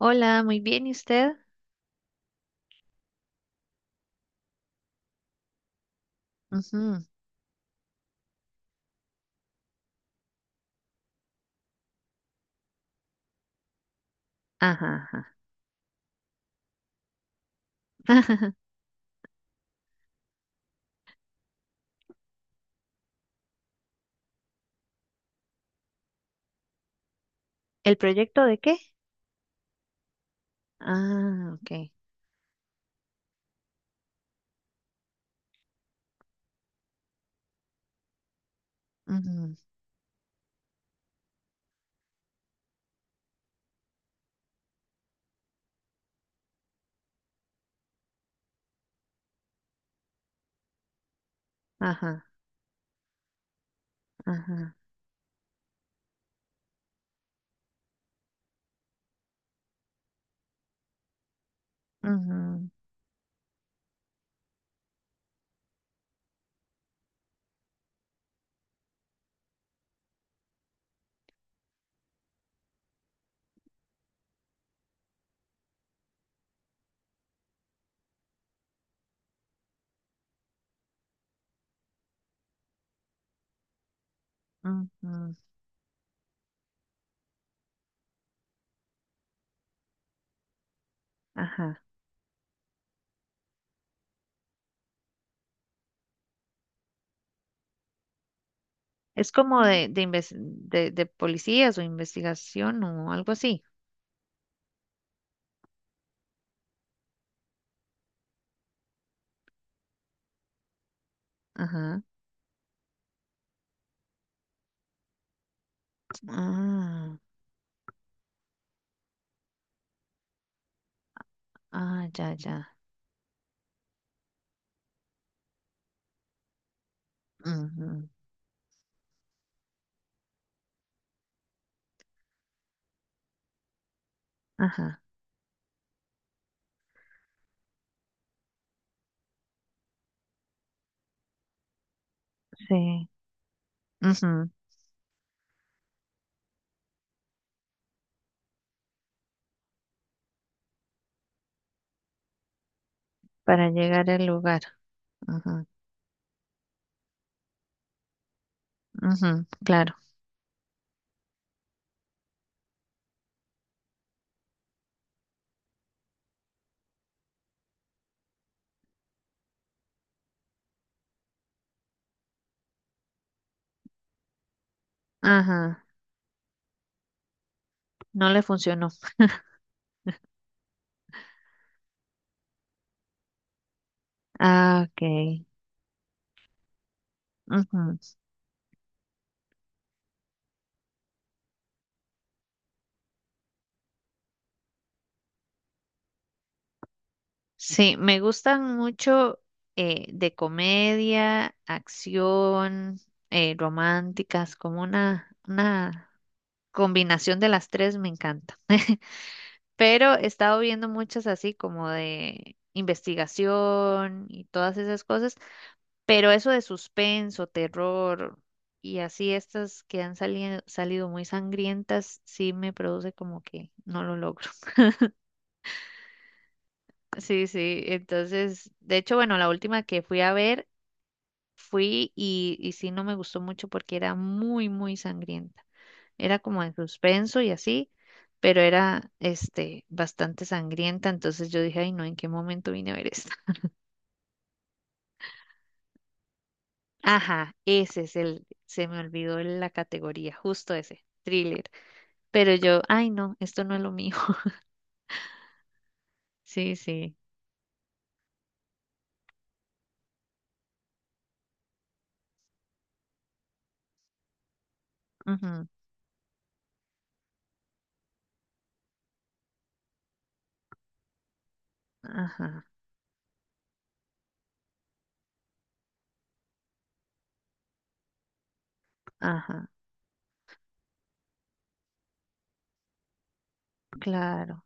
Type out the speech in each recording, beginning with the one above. Hola, muy bien, ¿y usted? Ujú. Ajá, ajá. ¿El proyecto de qué? Ah, ok. Ujú. Ajá, ajá. Ujú, ujú. Ajá. Es como de, de policías o investigación o algo así. Ajá. Ah, ah, ya, ya. Ujú. Ajá, sí. Ujú. Para llegar al lugar. Ajá, ujú. Claro. Ajá. No le funcionó. Ah, ok. Sí, me gustan mucho de comedia, acción, románticas, como una combinación de las tres me encanta. Pero he estado viendo muchas así como de investigación y todas esas cosas, pero eso de suspenso, terror y así estas que han salido muy sangrientas, sí me produce como que no lo logro. Sí, sí, entonces, de hecho, bueno, la última que fui a ver fui y sí no me gustó mucho porque era muy, muy sangrienta. Era como en suspenso y así, pero era este bastante sangrienta. Entonces yo dije, ay no, ¿en qué momento vine a ver esta? Ajá, ese es el, se me olvidó la categoría, justo ese, thriller. Pero yo, ay no, esto no es lo mío. Sí, sí. Ujú. Ajá, ajá, claro.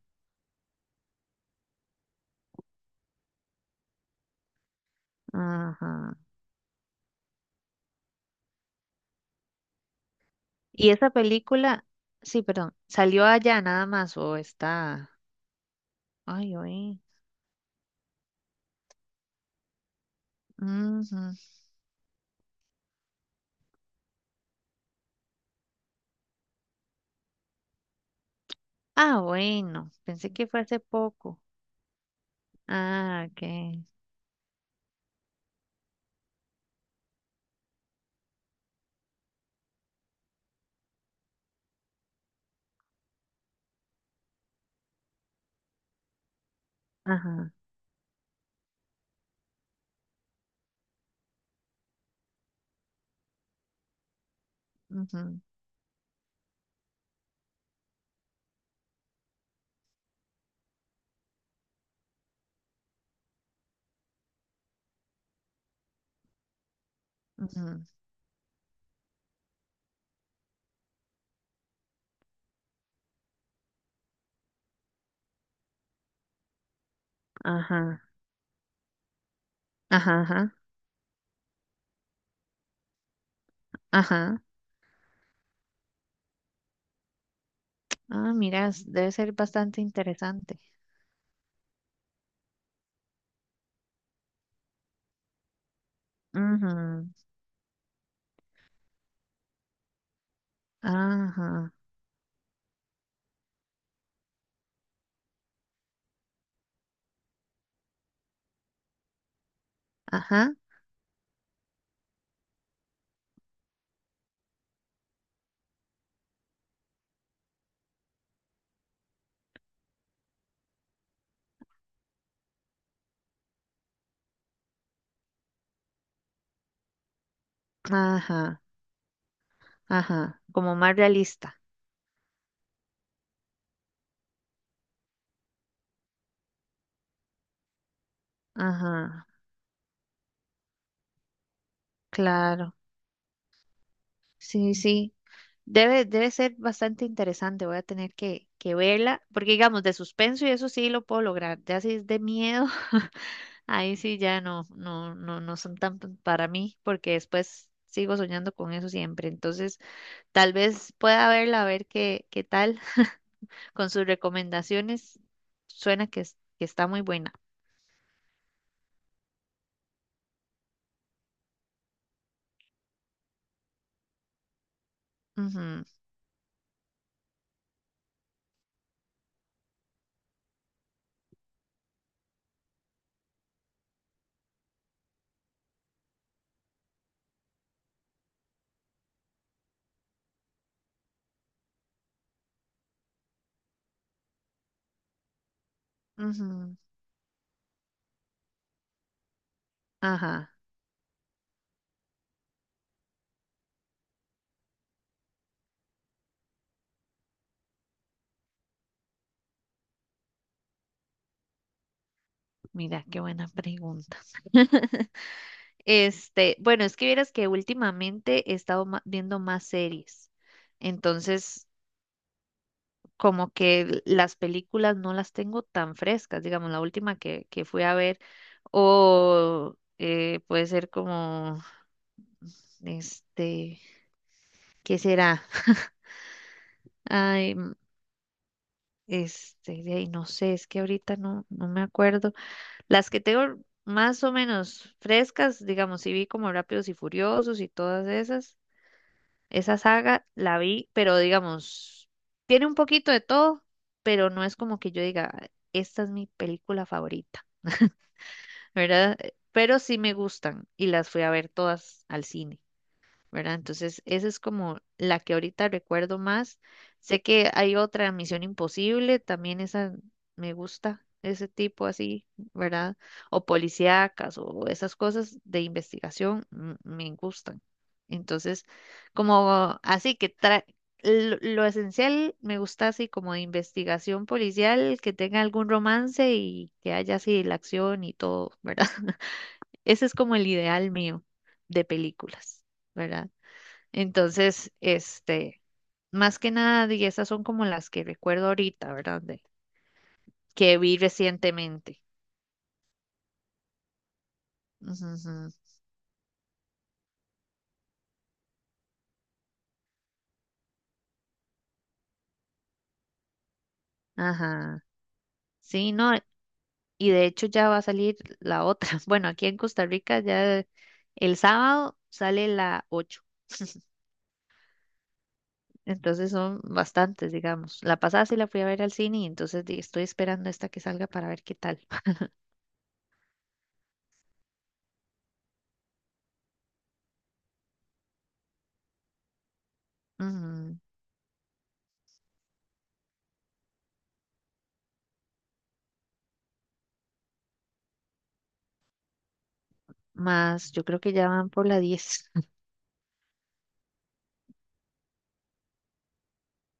Ajá. Y esa película, sí, perdón, ¿salió allá nada más o está? Ay, oí. Ujú. Ah, bueno, pensé que fue hace poco. Ah, ok. Ajá, ujú, ujú. Ajá, ajá, ajá, ajá. Ah, mira, s- debe ser bastante interesante. Ujú. Ajá, ajá, ajá, ajá. Como más realista. Ajá, claro. Sí, sí. Debe, debe ser bastante interesante. Voy a tener que verla, porque digamos, de suspenso y eso sí lo puedo lograr. Ya si es de miedo. Ahí sí ya no, no, no, no son tan p- para mí, porque después sigo soñando con eso siempre. Entonces, tal vez pueda verla, a ver qué, qué tal. Con sus recomendaciones. Suena que, es- que está muy buena. Ujú, ujú. Ajá, mira, qué buena pregunta. Este, bueno, es que vieras que últimamente he estado ma- viendo más series. Entonces, como que las películas no las tengo tan frescas, digamos, la última que fui a ver, o puede ser como, este, ¿qué será? Ay, m- este, de ahí no sé, es que ahorita no me acuerdo. Las que tengo más o menos frescas, digamos, sí vi como Rápidos y Furiosos y todas esas. Esa saga la vi, pero digamos, tiene un poquito de todo, pero no es como que yo diga, esta es mi película favorita. ¿Verdad? Pero sí me gustan y las fui a ver todas al cine. ¿Verdad? Entonces, esa es como la que ahorita recuerdo más. Sé que hay otra Misión Imposible, también esa me gusta, ese tipo así, ¿verdad? O policíacas o esas cosas de investigación. Mm, me gustan. Entonces, como así que tra- lo esencial me gusta así como de investigación policial, que tenga algún romance y que haya así la acción y todo, ¿verdad? Ese es como el ideal mío de películas, ¿verdad? Entonces, este, más que nada, y esas son como las que recuerdo ahorita, ¿verdad? De- que vi recientemente. Ujú, ujú. Ajá. Sí, no, y de hecho ya va a salir la otra. Bueno, aquí en Costa Rica ya el sábado sale la 8. Entonces son bastantes, digamos. La pasada sí la fui a ver al cine y entonces di- estoy esperando esta que salga para ver qué tal. Ujú. Más, yo creo que ya van por la 10.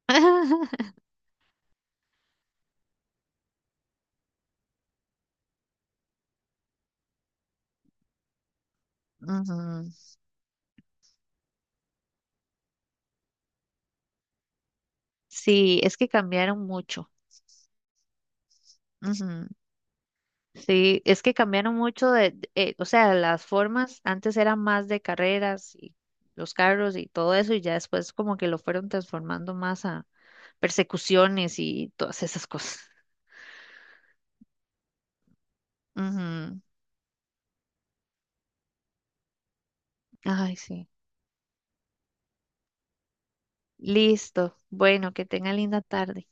Ujú. Sí, es que cambiaron mucho. Ujú. Sí, es que cambiaron mucho de, o sea, las formas antes eran más de carreras y los carros y todo eso y ya después como que lo fueron transformando más a persecuciones y todas esas cosas. Ujú. Ay, sí. Listo. Bueno, que tenga linda tarde.